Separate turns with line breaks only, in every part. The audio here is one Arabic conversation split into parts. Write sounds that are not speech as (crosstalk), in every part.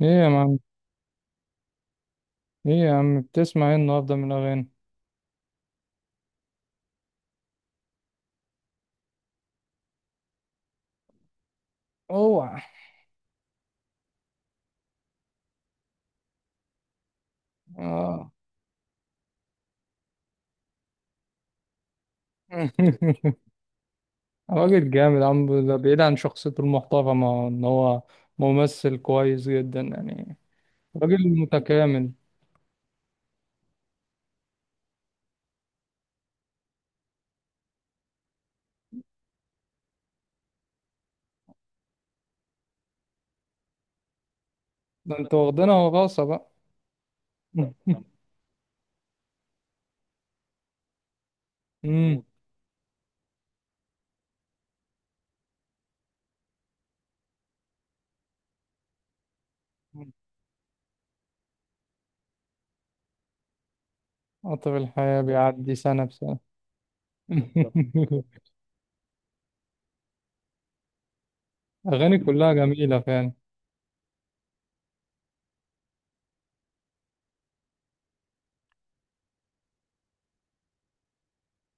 ايه يا معلم؟ ايه يا عم، بتسمع ايه النهارده من الاغاني؟ اوعى. اه. (laughs) راجل جامد. عم ده بعيد عن شخصيته المحترمه ان هو ممثل كويس جدا يعني. راجل متكامل. ده انت واخدينها وراثه بقى. (laughs) امم قطر الحياه بيعدي سنه بسنه. (laughs) اغاني كلها جميله فعلا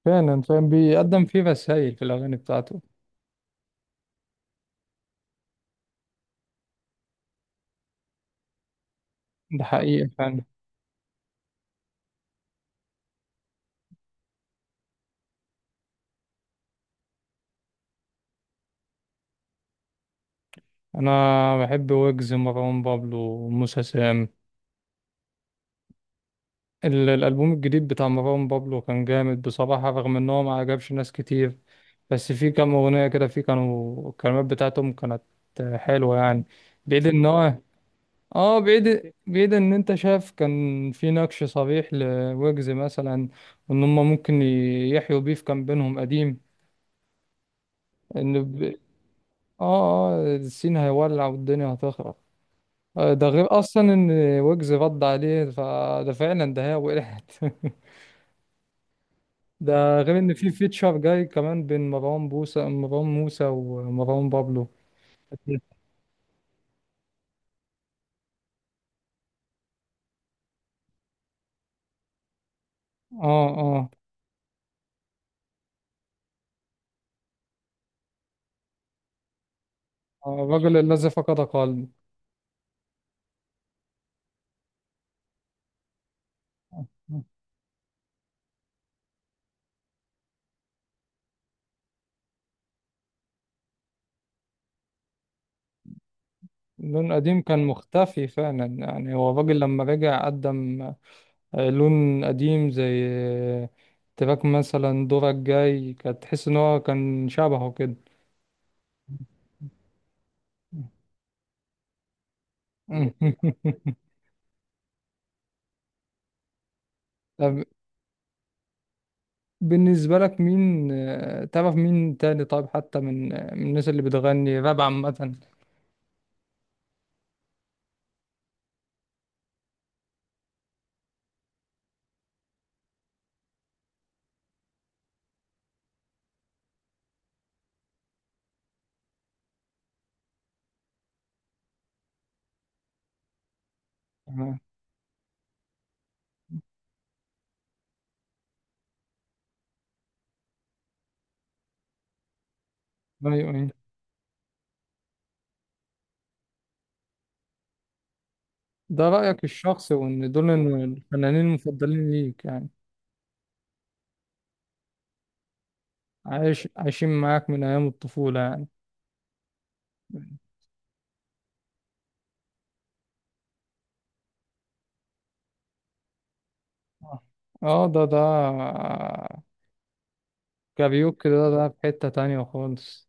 فعلا فعلا بيقدم فيه رسائل في الاغاني بتاعته. ده حقيقي فعلا. انا بحب ويجز، مروان بابلو، وموسى سام. الألبوم الجديد بتاع مروان بابلو كان جامد بصراحة، رغم إن هو ما عجبش ناس كتير. بس في كام أغنية كده في، كانوا الكلمات بتاعتهم كانت حلوة يعني. بعيد إن هو، بعيد، بعيد، إن أنت شايف كان في نقش صريح لويجز مثلا. وإن هما ممكن يحيوا بيف كان بينهم قديم. إن ب... آه، السين هيولع والدنيا هتخرب. آه، ده غير أصلا إن ويجز رد عليه، فده فعلا ده هي وقعت. ده غير ان في فيتشر جاي كمان بين مروان بوسى، مروان موسى ومروان بابلو. اه. آه، الراجل الذي فقد قلبه. لون قديم كان مختفي فعلا، يعني هو الراجل لما رجع قدم آه، لون قديم، زي آه، تراك مثلا دورك جاي، كانت تحس ان هو كان شبهه كده. (laughs) طب بالنسبة لك مين آه، تعرف مين تاني طيب، حتى من آه، من الناس اللي بتغني راب عامة؟ آه. ايوه. ده رأيك الشخصي، وإن دول الفنانين المفضلين ليك يعني. عايش، عايشين معاك من أيام الطفولة يعني. آه. آه، ده ده كاريوكي، ده ده في حتة تانية خالص.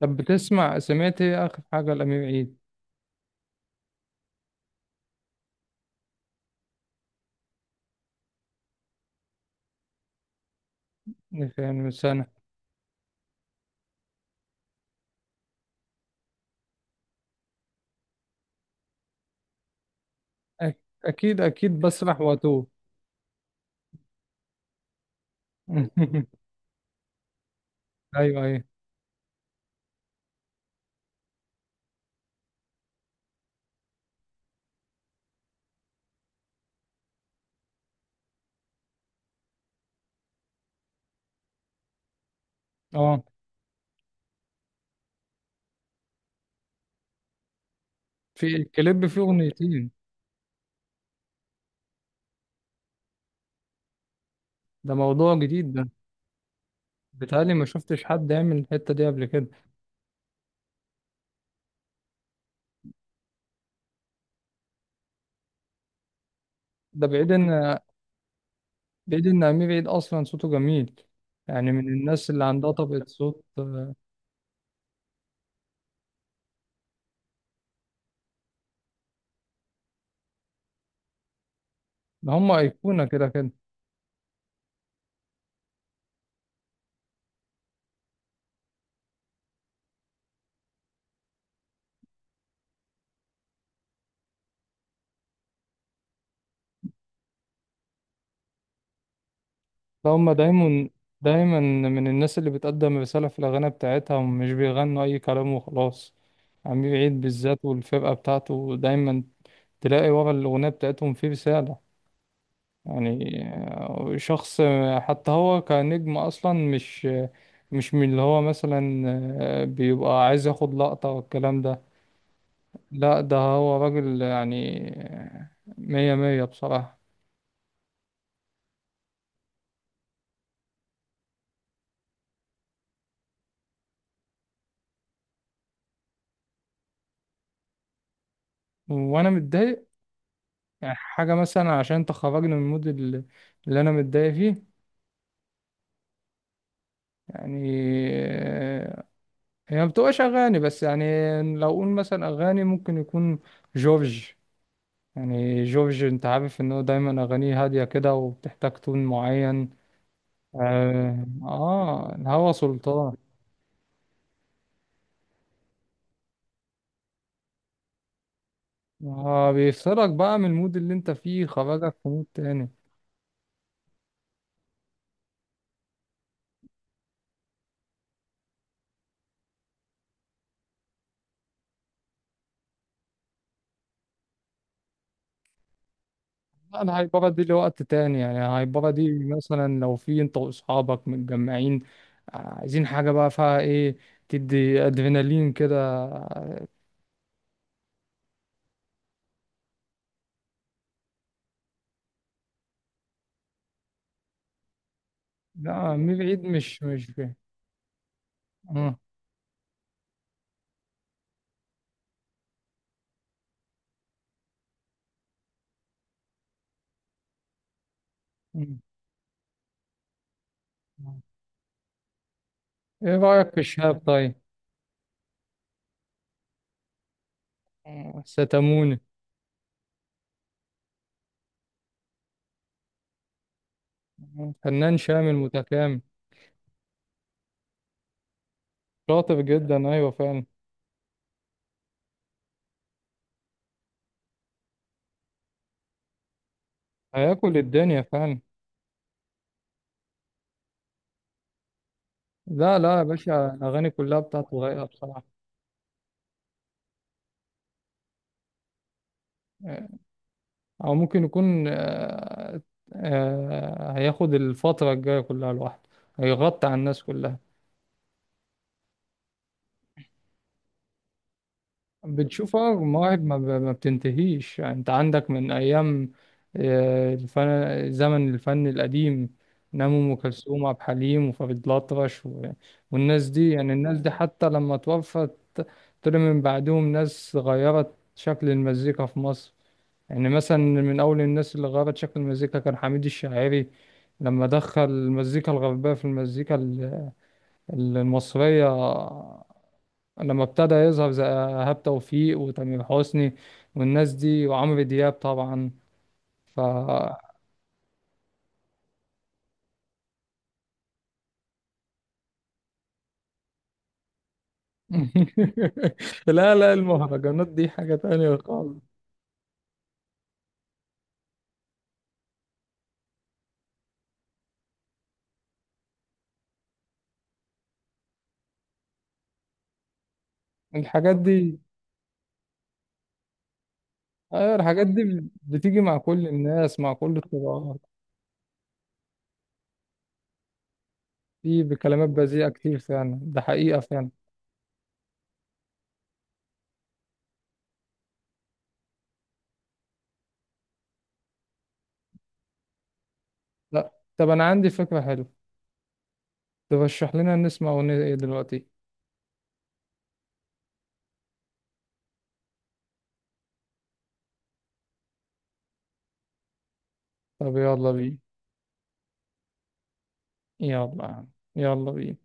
طب بتسمع، سمعت إيه آخر حاجة لأمير عيد؟ يعني من سنة؟ أك- أكيد، أكيد بسرح وأتوه. (laughs) أيوه، أيوه. آه، في الكليب فيه أغنيتين؟ ده موضوع جديد ده، بيتهيألي ما شفتش حد يعمل الحتة دي قبل كده. ده بعيد إن، بعيد ان امير عيد اصلا صوته جميل، يعني من الناس اللي عندها طبقة صوت آه، هم ايقونة كده كده. فهم دايما، دايما من الناس اللي بتقدم رسالة في الاغاني بتاعتها، ومش بيغنوا اي كلام وخلاص. امير عيد بالذات والفرقة بتاعته دايما تلاقي ورا الاغنية بتاعتهم في رسالة يعني. آه، شخص آه، حتى هو كنجم اصلا مش، مش من اللي هو مثلا آه، بيبقى عايز ياخد لقطة والكلام ده. لا، ده هو راجل يعني مية مية بصراحة. وأنا متضايق يعني، حاجة مثلا عشان تخرجني من المود اللي، اللي أنا متضايق فيه يعني آه، هي ما بتبقاش أغاني بس يعني. لو أقول مثلا أغاني، ممكن يكون جورج. يعني جورج، أنت عارف إن هو دايما أغانيه هادية كده وبتحتاج تون معين. آه، آه، الهوى سلطان. آه، بيفصلك بقى من المود اللي أنت فيه، خرجك في مود تاني. لا، انا هايبره دي لوقت تاني، يعني هايبره دي مثلا لو في انت واصحابك متجمعين، آه، عايزين حاجه بقى فيها ايه، تدي ادرينالين كده. لا مي بعيد مش مش فيه. اه. ايه رايك في الشاب طيب؟ آه، ستاموني. آه، فنان شامل متكامل. شاطر جدا، ايوه فعلا. هياكل الدنيا فعلا. لا لا يا باشا، الاغاني كلها بتاعته رايقه بصراحه. او ممكن يكون آه، آه، هياخد الفترة الجاية كلها لوحده، هيغطي على الناس كلها. بتشوف اه مواهب ما ما بتنتهيش، يعني انت عندك من ايام آه، الفن، زمن الفن القديم، نعم ام كلثوم وعبد الحليم وفريد الأطرش و... والناس دي، يعني الناس دي حتى لما توفت طلع من بعدهم ناس غيرت شكل المزيكا في مصر. يعني مثلا من أول الناس اللي غيرت شكل المزيكا كان حميد الشاعري، لما دخل المزيكا الغربية في المزيكا المصرية. لما ابتدى يظهر زي إيهاب توفيق وتامر حسني والناس دي وعمرو دياب طبعا، ف... (laughs) لا لا، المهرجانات دي حاجة تانية خالص. الحاجات دي، أيوة الحاجات دي بتيجي مع كل الناس، مع كل الطبقات. في بكلمات بذيئة كتير فعلا، ده حقيقة فعلا. لا طب أنا عندي فكرة حلوة. ترشح لنا نسمع أغنية إيه دلوقتي؟ طب يلا بينا. يلا، يلا بينا.